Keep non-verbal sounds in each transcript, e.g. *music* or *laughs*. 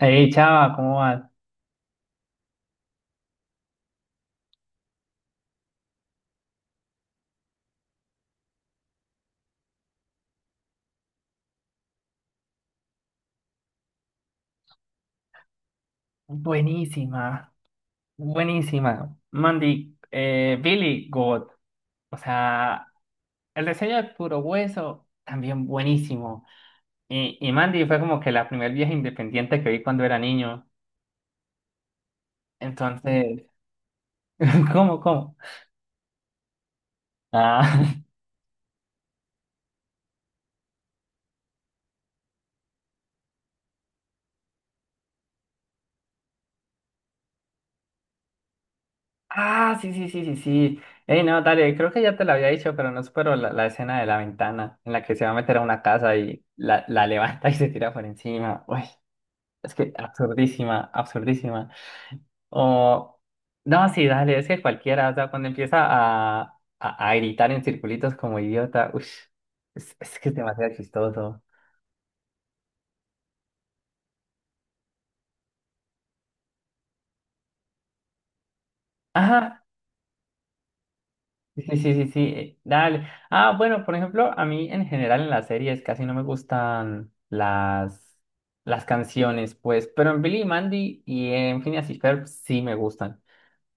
Hey, chava, ¿cómo vas? Buenísima, buenísima. Mandy, Billy, God. O sea, el diseño de puro hueso, también buenísimo. Y Mandy fue como que la primer vieja independiente que vi cuando era niño. Entonces, *laughs* ¿cómo? Ah, *laughs* ah, sí, sí, sí, sí, sí. Hey, no, dale, creo que ya te lo había dicho, pero no supero la escena de la ventana en la que se va a meter a una casa y la levanta y se tira por encima. Uy, es que absurdísima, absurdísima. O, no, sí, dale, es que cualquiera, o sea, cuando empieza a gritar en circulitos como idiota, uff, es que es demasiado chistoso. Ajá, sí, sí, sí, sí, dale. Ah, bueno, por ejemplo, a mí en general en las series casi no me gustan las canciones, pues, pero en Billy y Mandy y en Phineas y Ferb sí me gustan.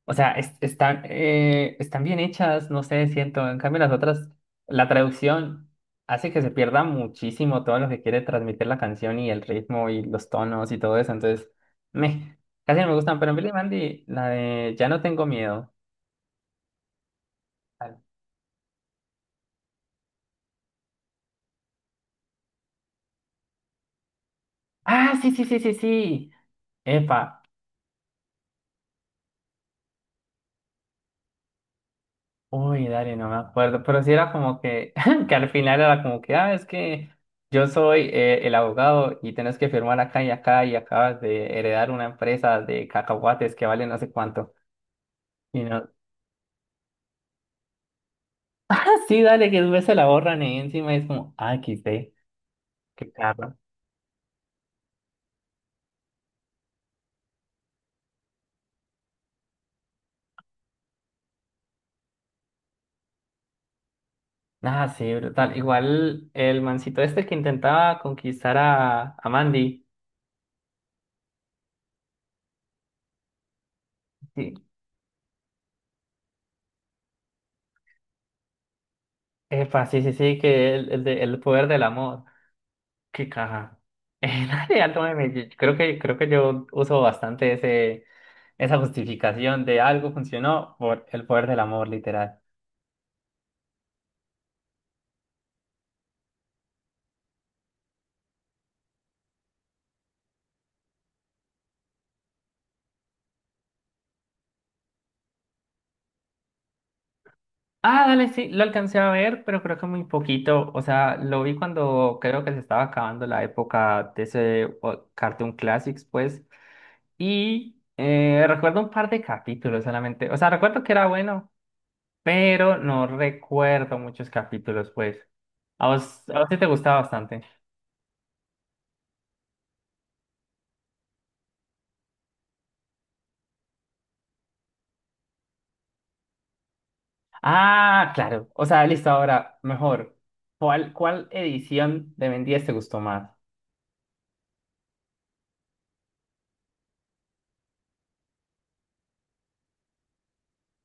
O sea, están bien hechas, no sé, siento. En cambio, las otras, la traducción hace que se pierda muchísimo todo lo que quiere transmitir la canción y el ritmo y los tonos y todo eso. Entonces, me, casi no me gustan. Pero en Billy Mandy, la de Ya no tengo miedo. Ah, sí, sí, sí, sí, sí. Epa, uy, dale, no me acuerdo, pero sí era como que, *laughs* que al final era como que, ah, es que yo soy el abogado y tenés que firmar acá y acá y acabas de heredar una empresa de cacahuates que vale no sé cuánto. Y no, *laughs* ah, sí, dale, que después se la borran y encima es como, ah, quité, qué carro. Ah, sí, brutal. Igual el mancito este que intentaba conquistar a Mandy, sí, epa, sí, sí, sí, que el el poder del amor. ¿Qué caja? *laughs* La de Alto de Medellín. Creo que yo uso bastante esa justificación de algo funcionó por el poder del amor, literal. Ah, dale, sí, lo alcancé a ver, pero creo que muy poquito. O sea, lo vi cuando creo que se estaba acabando la época de ese Cartoon Classics, pues. Y recuerdo un par de capítulos solamente. O sea, recuerdo que era bueno, pero no recuerdo muchos capítulos, pues. A vos sí te gustaba bastante. Ah, claro. O sea, listo, ahora, mejor. ¿Cuál edición de Ben 10 te gustó más?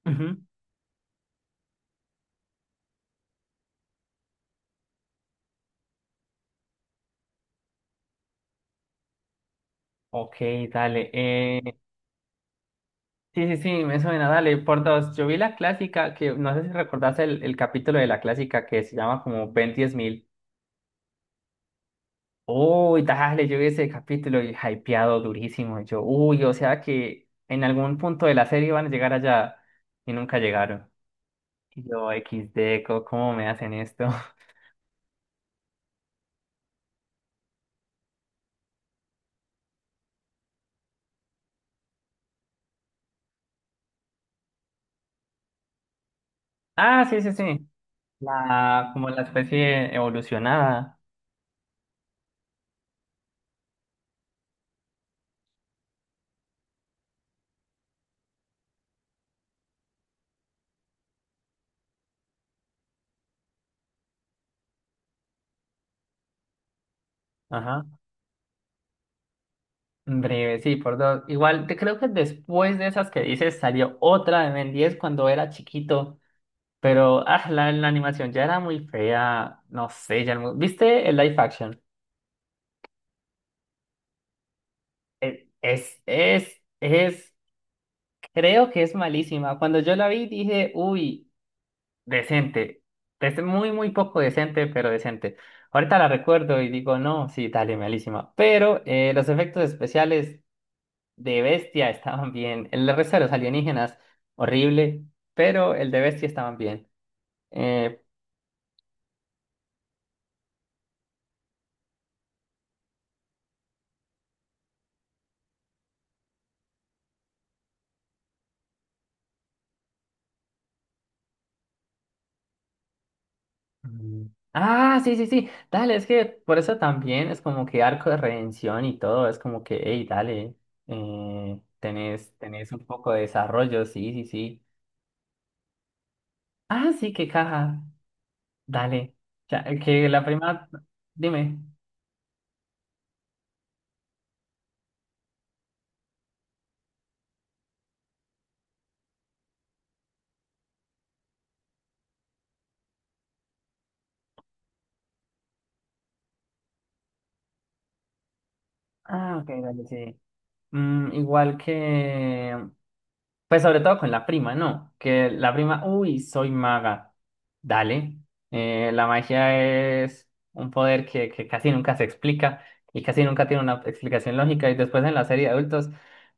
Ujú. Ok, dale. Sí, sí, sí, me suena, dale, por dos. Yo vi la clásica, que no sé si recordás el capítulo de la clásica que se llama como Ben 10.000. Uy, dale, yo vi ese capítulo y hypeado durísimo. Yo, uy, o sea que en algún punto de la serie van a llegar allá y nunca llegaron. Y yo, XD, ¿cómo me hacen esto? *laughs* Ah, sí, sí, sí. La, como la especie evolucionada. Ajá. Breve, sí, por dos. Igual, te creo que después de esas que dices salió otra de Ben 10 cuando era chiquito. Pero ah, la animación ya era muy fea. No sé, ¿viste el live action? Es, es, es, creo que es malísima. Cuando yo la vi dije, uy, decente. Es muy, muy poco decente, pero decente. Ahorita la recuerdo y digo, no, sí, dale, malísima. Pero los efectos especiales de Bestia estaban bien. El resto de los alienígenas, horrible, pero el de Bestia estaban bien. Eh, Mm. Ah, sí, sí, sí. Dale, es que por eso también es como que arco de redención y todo. Es como que, hey, dale, tenés un poco de desarrollo, sí, sí, sí. Ah, sí, qué caja. Dale. O sea, que la prima, dime. Ah, ok, dale, sí. Igual que. Pues sobre todo con la prima, ¿no? Que la prima, uy, soy maga. Dale. La magia es un poder que casi nunca se explica y casi nunca tiene una explicación lógica. Y después en la serie de adultos,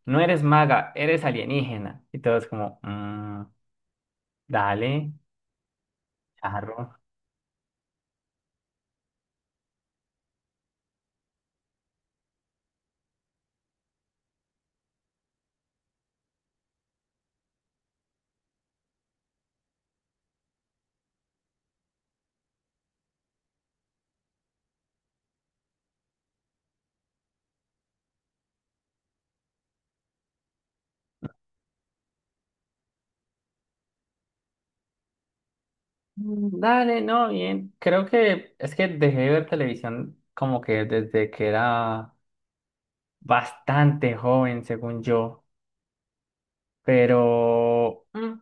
no eres maga, eres alienígena. Y todo es como, "Mm, dale, charro." Mm, dale, no, bien. Creo que es que dejé de ver televisión como que desde que era bastante joven, según yo. Pero,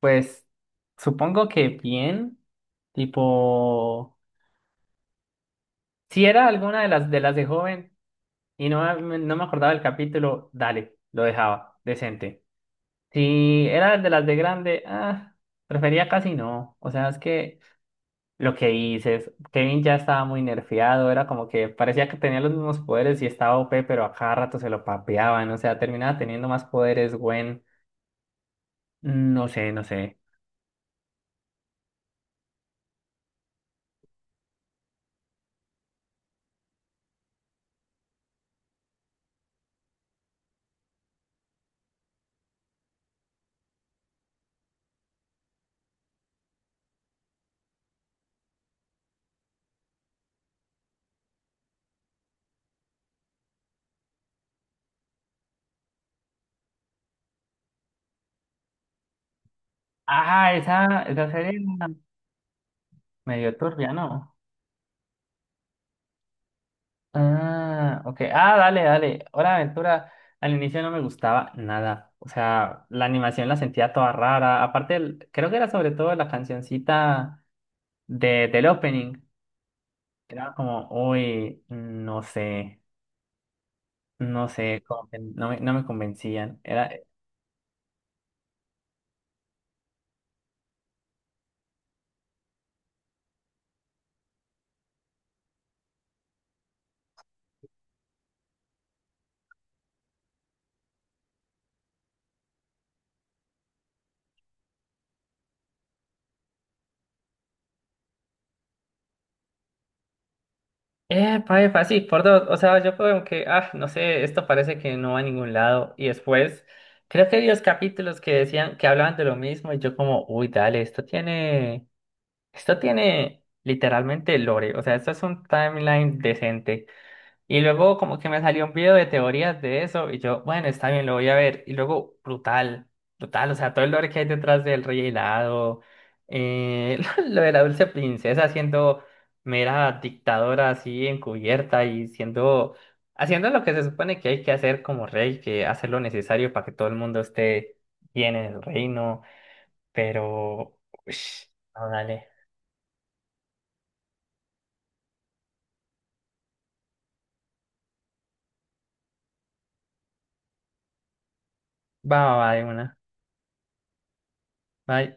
pues supongo que bien, tipo, si era alguna de las de joven y no, no me acordaba el capítulo, dale, lo dejaba, decente. Si era de las de grande, ah, prefería casi no. O sea, es que lo que dices, Kevin ya estaba muy nerfeado, era como que parecía que tenía los mismos poderes y estaba OP, pero a cada rato se lo papeaban, o sea, terminaba teniendo más poderes, Gwen, no sé, no sé. Ah, esa serie era medio turbia, ¿no? Ah, ok. Ah, dale, dale. Hora de Aventura al inicio no me gustaba nada. O sea, la animación la sentía toda rara. Aparte, creo que era sobre todo la cancioncita del opening. Era como, uy, no sé, no sé, como que no me convencían. Epa, sí, por dos. O sea, yo como que, ah, no sé, esto parece que no va a ningún lado. Y después, creo que vi los capítulos que decían, que hablaban de lo mismo y yo como, uy, dale, esto tiene literalmente lore, o sea, esto es un timeline decente. Y luego como que me salió un video de teorías de eso y yo, bueno, está bien, lo voy a ver. Y luego, brutal, brutal, o sea, todo el lore que hay detrás del rey helado, eh, *laughs* lo de la dulce princesa siendo mera dictadora así encubierta y haciendo lo que se supone que hay que hacer como rey, que hacer lo necesario para que todo el mundo esté bien en el reino, pero, ush, no, dale. Va, va, va, de una. Bye.